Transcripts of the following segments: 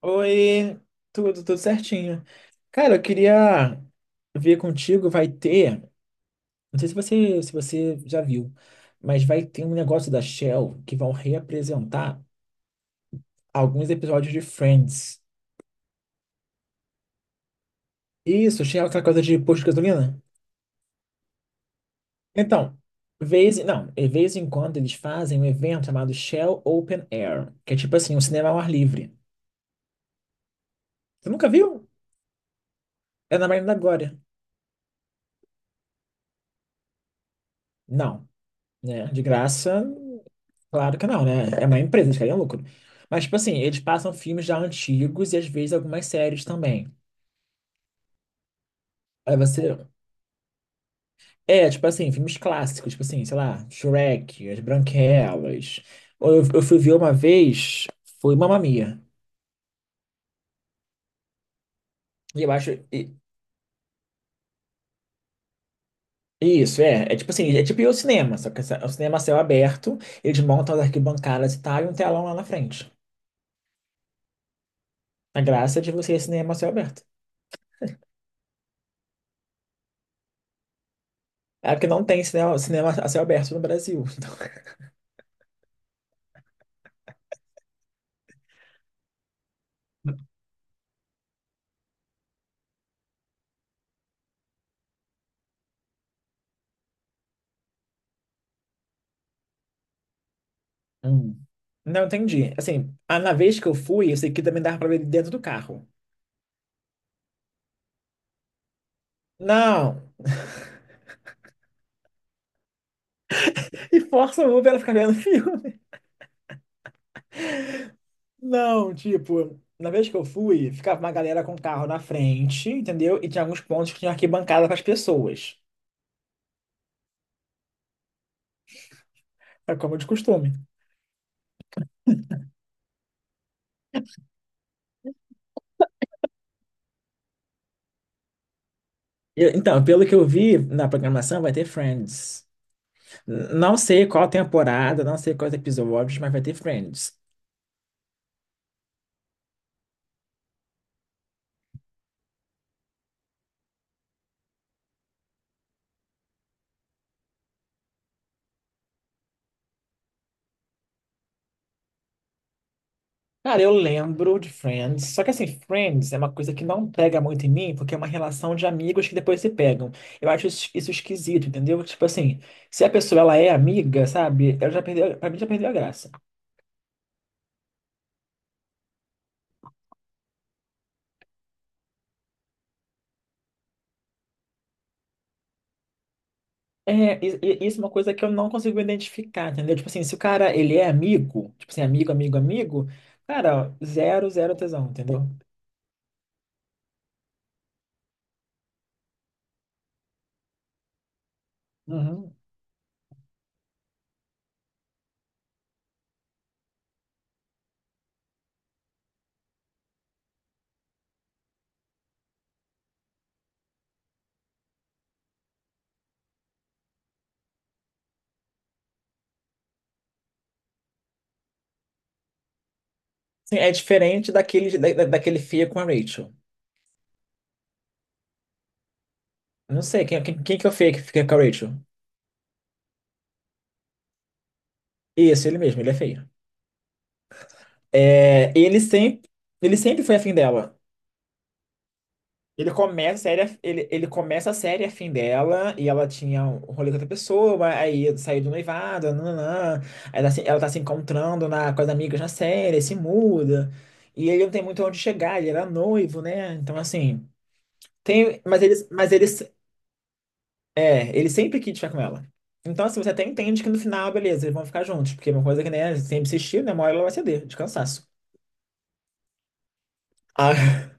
Oi, tudo certinho. Cara, eu queria ver contigo, não sei se você já viu, mas vai ter um negócio da Shell que vão reapresentar alguns episódios de Friends. Isso, Shell, é aquela coisa de posto de gasolina? Então, vez, não, de vez em quando eles fazem um evento chamado Shell Open Air, que é tipo assim, um cinema ao ar livre. Você nunca viu? É na Marina da Glória. Não, né? De graça. Claro que não, né? É uma empresa, eles querem lucro. Mas, tipo assim, eles passam filmes já antigos e às vezes algumas séries também. Aí você. É, tipo assim, filmes clássicos, tipo assim, sei lá, Shrek, As Branquelas. Ou eu fui ver uma vez, foi Mamma Mia. E eu acho. Isso, é. É tipo assim, é tipo ir ao cinema, só que é o cinema a céu aberto, eles montam as arquibancadas e tal, e um telão lá na frente. A graça é de você ir ao cinema a céu aberto. É porque não tem cinema a céu aberto no Brasil. Então. Hum. Não entendi. Assim, na vez que eu fui, eu sei que também dava pra ver dentro do carro. Não! E força o Uber a ficar vendo filme. Não, tipo, na vez que eu fui, ficava uma galera com o carro na frente, entendeu? E tinha alguns pontos que tinha arquibancada para as pessoas. É como de costume. Então, pelo que eu vi na programação, vai ter Friends. Não sei qual temporada, não sei quais episódios, mas vai ter Friends. Cara, eu lembro de Friends, só que assim, Friends é uma coisa que não pega muito em mim, porque é uma relação de amigos que depois se pegam. Eu acho isso esquisito, entendeu? Tipo assim, se a pessoa ela é amiga, sabe? Ela já perdeu, pra mim já perdeu a graça. É, isso é uma coisa que eu não consigo identificar, entendeu? Tipo assim, se o cara, ele é amigo, tipo assim, amigo, amigo, amigo, cara, zero, zero tesão, entendeu? Uhum. Sim, é diferente daquele feio com a Rachel. Eu não sei, quem que é o feio que fica com a Rachel? Isso, ele mesmo, ele é feio. É, ele sempre foi afim dela. Ele começa a série afim dela e ela tinha um rolê com outra pessoa, aí saiu do noivado, nananã, aí ela tá se encontrando com as amigas na série, se muda, e ele não tem muito onde chegar, ele era noivo, né? Então, assim, tem, mas eles, é, ele sempre quis ficar com ela. Então, assim, você até entende que no final, beleza, eles vão ficar juntos, porque é uma coisa que, né, sempre insistiu, né, uma hora ela vai ceder, de cansaço. Ah.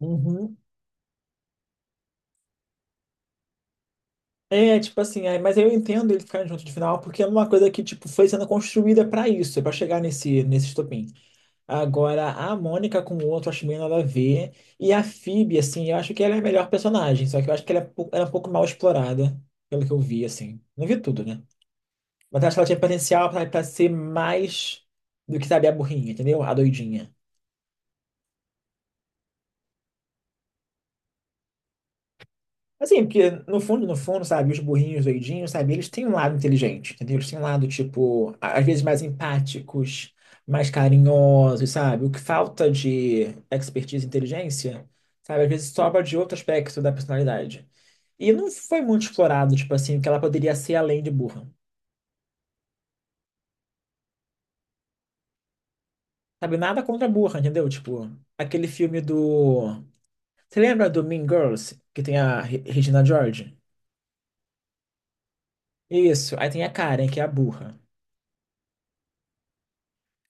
É, tipo assim, mas eu entendo ele ficar junto de final, porque é uma coisa que, tipo, foi sendo construída pra isso, pra chegar nesse estopim. Agora, a Mônica com o outro, eu acho meio nada a ver. E a Phoebe, assim, eu acho que ela é a melhor personagem, só que eu acho que ela é um pouco mal explorada, pelo que eu vi, assim. Não vi tudo, né? Mas eu acho que ela tinha potencial pra ser mais do que, sabe, a burrinha, entendeu? A doidinha. Assim, porque no fundo, no fundo, sabe, os burrinhos, doidinhos, sabe, eles têm um lado inteligente, entendeu? Eles têm um lado, tipo, às vezes mais empáticos, mais carinhosos, sabe? O que falta de expertise e inteligência, sabe, às vezes sobra de outro aspecto da personalidade. E não foi muito explorado, tipo assim, que ela poderia ser além de burra. Sabe, nada contra a burra, entendeu? Tipo, aquele filme do... Você lembra do Mean Girls, que tem a Regina George? Isso, aí tem a Karen, que é a burra.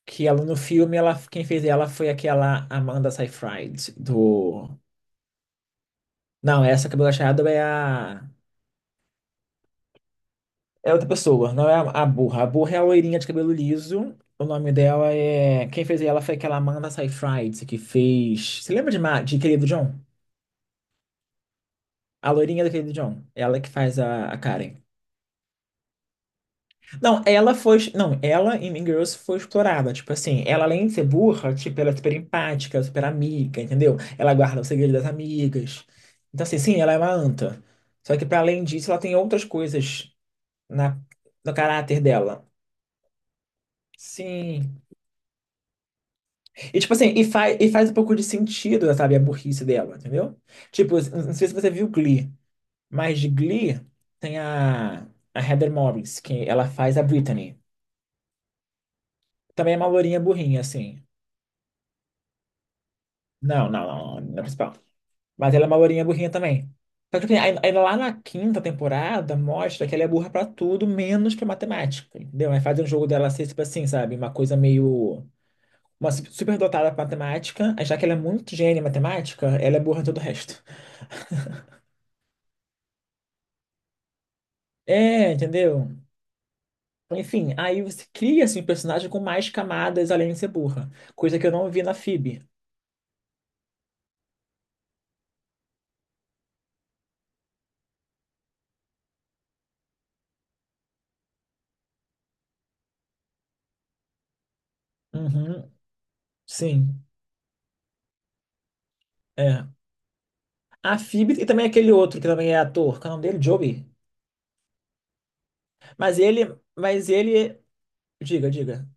Que ela no filme, ela, quem fez ela foi aquela Amanda Seyfried do. Não, essa cabelo achado é a. É outra pessoa, não é a burra. A burra é a loirinha de cabelo liso. O nome dela é. Quem fez ela foi aquela Amanda Seyfried que fez. Você lembra de, de Querido John? A loirinha do Querido John. Ela que faz a Karen. Não, ela foi. Não, ela em Mean Girls foi explorada. Tipo assim, ela além de ser burra, tipo, ela é super empática, super amiga, entendeu? Ela guarda o segredo das amigas. Então, assim, sim, ela é uma anta. Só que, para além disso, ela tem outras coisas na, no caráter dela. Sim. E, tipo assim, e faz um pouco de sentido, sabe, a burrice dela, entendeu? Tipo, não sei se você viu Glee, mas de Glee tem a Heather Morris, que ela faz a Brittany. Também é uma lourinha burrinha, assim. Não, não, não, não é a principal. Mas ela é uma lourinha burrinha também. Só que assim, aí lá na quinta temporada mostra que ela é burra pra tudo, menos pra matemática, entendeu? Aí fazem um jogo dela ser, tipo assim, sabe? Uma coisa meio. Uma superdotada pra matemática, aí já que ela é muito gênia em matemática, ela é burra em todo o resto. É, entendeu? Enfim, aí você cria, assim, um personagem com mais camadas além de ser burra. Coisa que eu não vi na Phoebe. Uhum, sim, é. A Phoebe e também aquele outro que também é ator, qual é o nome dele? Joey? Mas ele, diga, diga.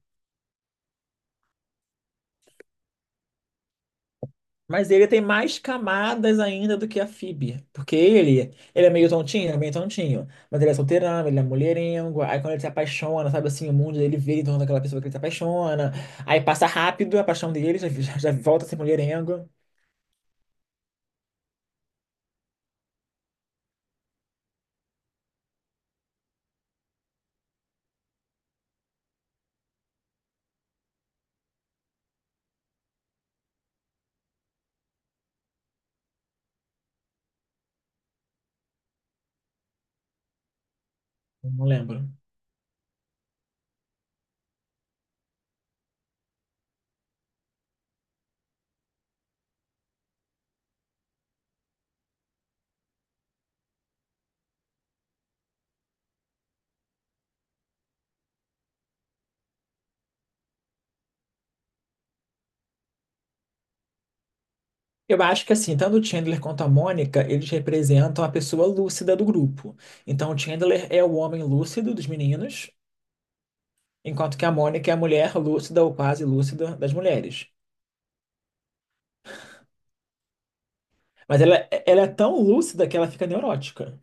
Mas ele tem mais camadas ainda do que a Phoebe. Porque ele é meio tontinho, é meio tontinho. Mas ele é solteirão, ele é mulherengo. Aí quando ele se apaixona, sabe assim, o mundo dele vira em torno daquela pessoa que ele se apaixona. Aí passa rápido a paixão dele, já, já, já volta a ser mulherengo. Não lembro. Eu acho que assim, tanto o Chandler quanto a Mônica, eles representam a pessoa lúcida do grupo. Então, o Chandler é o homem lúcido dos meninos, enquanto que a Mônica é a mulher lúcida ou quase lúcida das mulheres. Mas ela é tão lúcida que ela fica neurótica.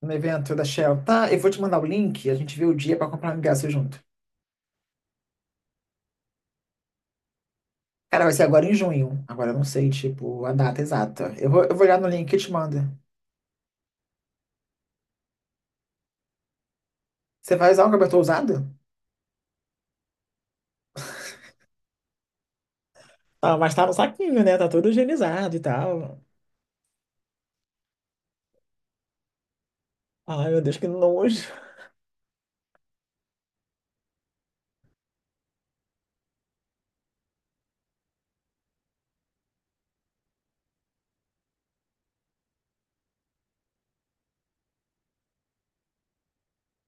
No evento da Shell. Tá, eu vou te mandar o link, a gente vê o dia pra comprar um ingresso junto. Cara, vai ser agora em junho. Agora eu não sei, tipo, a data exata. Eu vou olhar no link e te mando. Você vai usar um cobertor usado? Ah, mas tá no saquinho, né? Tá todo higienizado e tal. Ai, meu Deus, que nojo.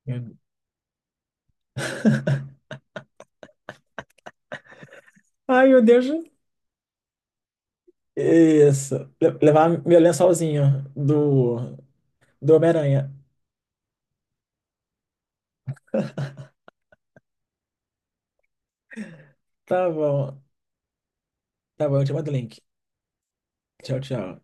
Meu- Ai, meu Deus. Isso. Levar meu lençolzinho do Homem-Aranha. Tá bom. Tá bom, eu te mando o link. Tchau, tchau.